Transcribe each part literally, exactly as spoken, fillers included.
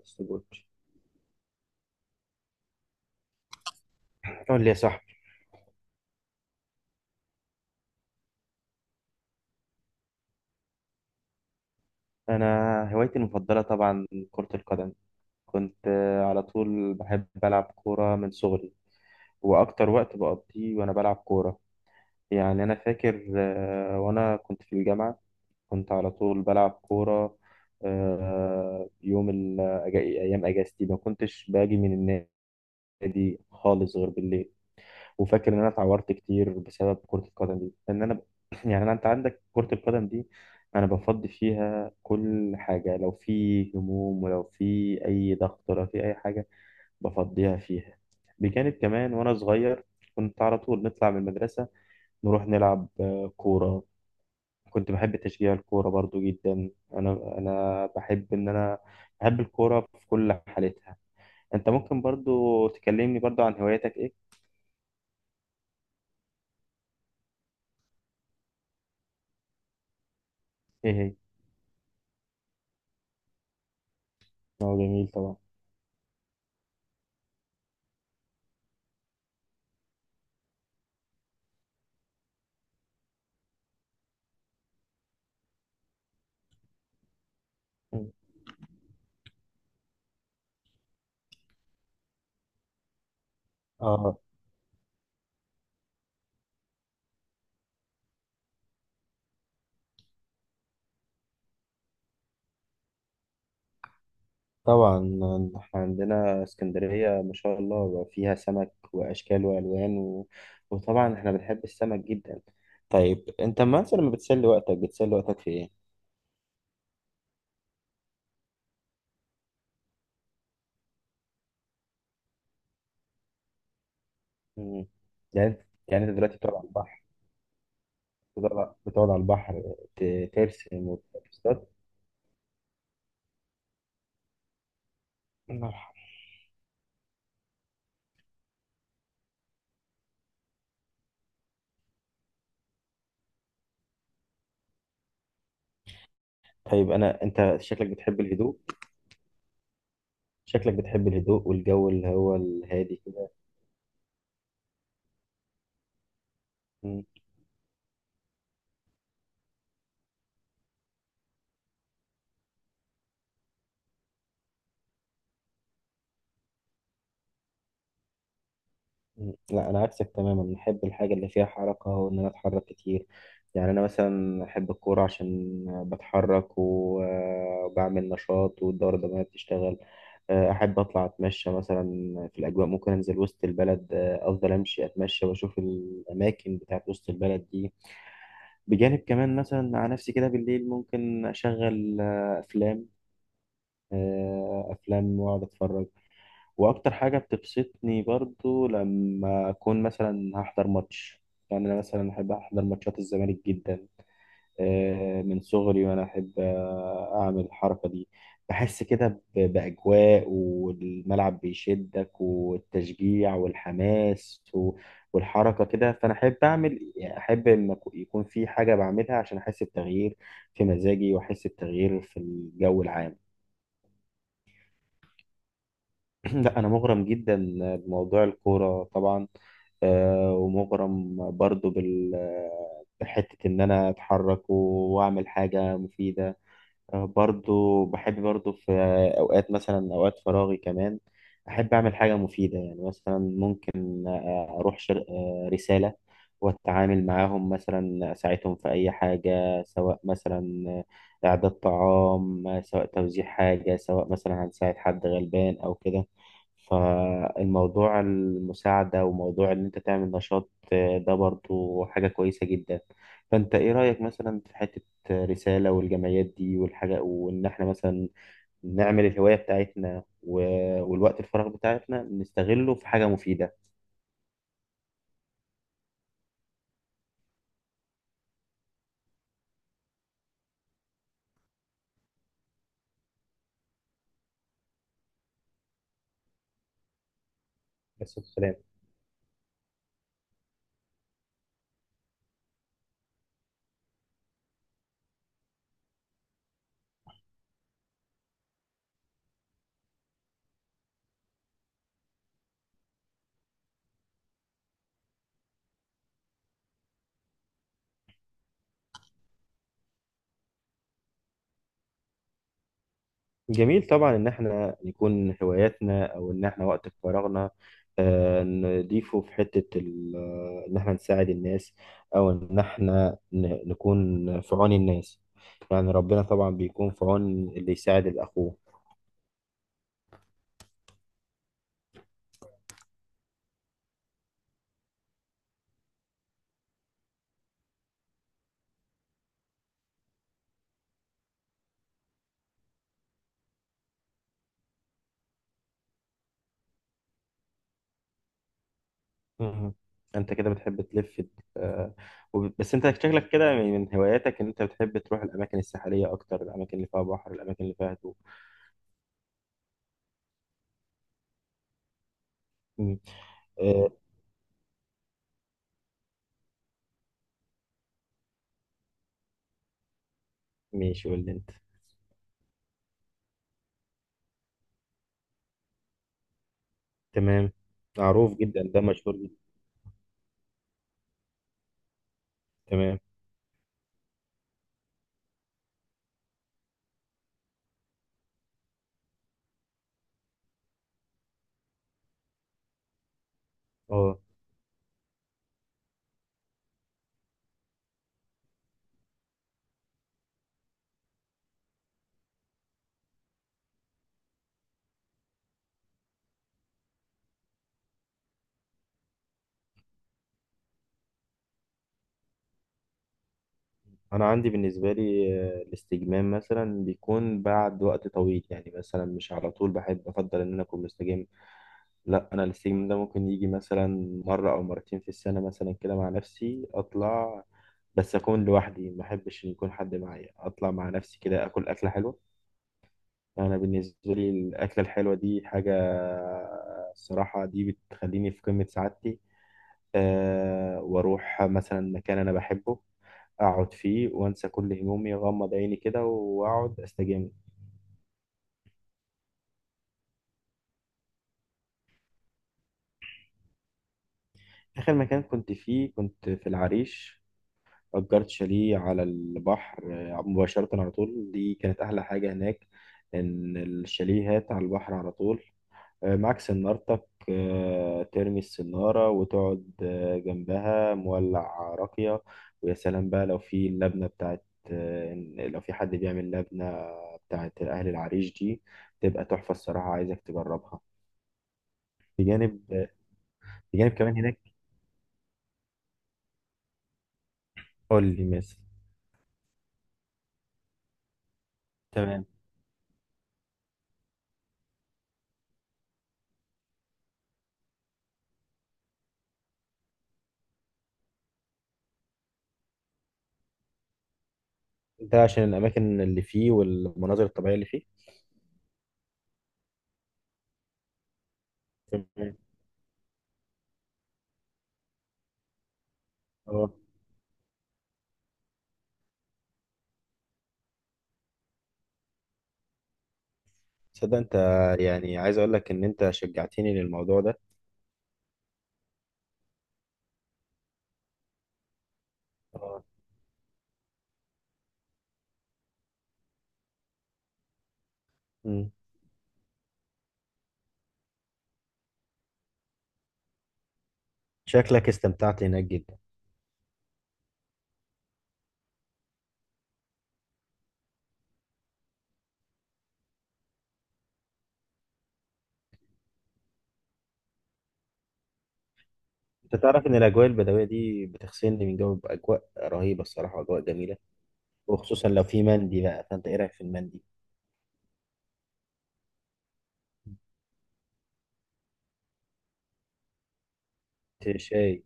السبوت، قول لي يا صاحبي. انا هوايتي المفضله طبعا كره القدم. كنت آه، على طول بحب العب كوره من صغري، واكتر وقت بقضيه وانا بلعب كوره. يعني انا فاكر آه، وانا كنت في الجامعه كنت على طول بلعب كوره. آه، يوم ال- أجا- ايام اجازتي ما كنتش باجي من النادي خالص غير بالليل. وفاكر ان انا اتعورت كتير بسبب كرة القدم دي لان انا ب... يعني انا انت عندك كرة القدم دي، انا بفضي فيها كل حاجة لو في هموم ولو في اي ضغط ولو في اي حاجة، بفضيها فيها. بجانب كمان وانا صغير كنت على طول نطلع من المدرسة، نروح نلعب آه، كورة. كنت بحب تشجيع الكورة برضو جدا، انا انا بحب ان انا بحب الكورة في كل حالتها. انت ممكن برضو تكلمني برضو عن هواياتك ايه؟ ايه هي؟ اه، جميل طبعا. اه طبعا، احنا عندنا اسكندرية ما شاء الله بقى فيها سمك واشكال والوان و... وطبعا احنا بنحب السمك جدا. طيب انت مثلا لما بتسلي وقتك بتسلي وقتك في ايه؟ مم. يعني يعني انت دلوقتي بتقعد على البحر، بتقعد بتقعد على البحر ت- ترسم وتصطاد. الله يرحمه. طيب انا انت شكلك بتحب الهدوء، شكلك بتحب الهدوء والجو اللي هو الهادي كده. لا، انا عكسك تماما، احب الحاجه اللي فيها حركه وان انا اتحرك كتير، يعني انا مثلا احب الكوره عشان بتحرك و- آه، وبعمل نشاط والدوره الدمويه بتشتغل. آه، احب اطلع اتمشى مثلا في الاجواء، ممكن انزل وسط البلد، آه، افضل امشي اتمشى واشوف الاماكن بتاعت وسط البلد دي. بجانب كمان مثلا على نفسي كده بالليل ممكن اشغل آه، افلام آه، افلام واقعد اتفرج. واكتر حاجه بتبسطني برضو لما اكون مثلا هحضر ماتش، يعني انا مثلا احب احضر ماتشات الزمالك جدا آه، من صغري، وانا احب آه، اعمل الحركه دي. بحس كده ب- باجواء والملعب بيشدك والتشجيع والحماس و- والحركه كده، فانا احب اعمل، يعني احب ان أكو- يكون في حاجه بعملها عشان احس بتغيير في مزاجي واحس بتغيير في الجو العام. لا انا مغرم جدا بموضوع الكوره طبعا، آه، ومغرم برضو بال بحتة إن أنا أتحرك وأعمل حاجة مفيدة. آه، برضو بحب برضو في أوقات، مثلا أوقات فراغي كمان، أحب أعمل حاجة مفيدة. يعني مثلا ممكن آه، أروح شر... آه، رسالة، وأتعامل معاهم مثلا، أساعدهم في أي حاجة سواء مثلا آه، إعداد طعام، آه، سواء توزيع حاجة، سواء مثلا هنساعد حد غلبان أو كده. فالموضوع المساعدة وموضوع إن أنت تعمل نشاط آه، ده برضو حاجة كويسة جدا. فأنت إيه رأيك مثلا في حتة رسالة والجمعيات دي والحاجة، وإن إحنا مثلا نعمل الهواية بتاعتنا و- والوقت الفراغ بتاعتنا نستغله في حاجة مفيدة؟ بس السلام. جميل طبعا إن إحنا نكون هواياتنا أو إن إحنا وقت فراغنا آه، نضيفه في حتة ال- آه، إن إحنا نساعد الناس، أو إن إحنا ن- نكون في عون الناس. يعني ربنا طبعا بيكون في عون اللي يساعد الأخوه. مم. انت كده بتحب تلف. آه، وب- بس انت شكلك كده من من هواياتك ان انت بتحب تروح الاماكن الساحليه اكتر، الاماكن اللي فيها بحر، الاماكن اللي فيها هدوء. مم. آه، ماشي، قول لي انت. تمام. معروف جدا، ده مشهور جدا. تمام. اه. انا عندي بالنسبه لي آه، الاستجمام مثلا بيكون بعد وقت طويل، يعني مثلا مش على طول بحب افضل ان انا اكون مستجم. لا، انا الاستجمام ده ممكن يجي مثلا مره او مرتين في السنه مثلا، كده مع نفسي اطلع بس اكون لوحدي، ما احبش ان يكون حد معايا، اطلع مع نفسي كده اكل اكله حلوه. انا بالنسبه لي الاكله الحلوه دي حاجه الصراحه دي بتخليني في قمه سعادتي. أه واروح مثلا مكان انا بحبه، اقعد فيه وانسى كل همومي، اغمض عيني كده واقعد استجم. اخر مكان كنت فيه كنت في العريش، اجرت شاليه على البحر آه، مباشره على طول، دي كانت احلى حاجه هناك ان الشاليهات على البحر على طول. آه، معاك سنارتك، آه، ترمي السنارة وتقعد آه، جنبها مولع راقية. ويا سلام بقى لو في اللبنة بتاعت، آه، لو في حد بيعمل لبنة بتاعت أهل العريش دي، تبقى تحفة الصراحة، عايزك تجربها. بجانب بجانب كمان هناك، قول لي مثلا. تمام. انت عشان الأماكن اللي فيه والمناظر الطبيعية اللي فيه. تمام. اه. تصدق انت، يعني عايز اقول لك ان انت شجعتني للموضوع ده. اه. مم. شكلك استمتعت هناك جدا. انت تعرف ان الاجواء البدويه دي بتغسلني من جو، باجواء رهيبه الصراحه واجواء جميله، وخصوصا لو في مندي بقى. فانت ايه رايك في المندي؟ انت شاي.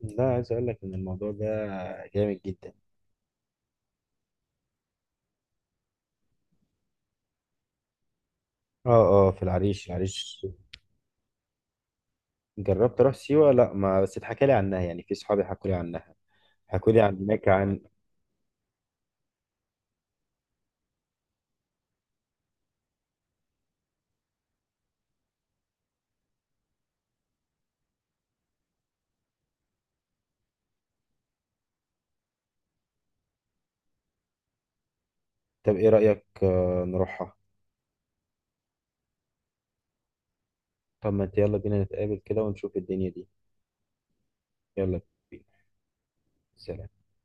لا عايز اقول لك ان الموضوع ده جامد جدا. اه اه، في العريش العريش. جربت اروح سيوه، لا، ما بس اتحكى لي عنها، يعني في صحابي حكوا لي عنها، حكوا لي عن هناك عن... طب ايه رايك آه، نروحها؟ طب ما انت يلا بينا نتقابل كده ونشوف الدنيا دي. يلا بينا. سلام.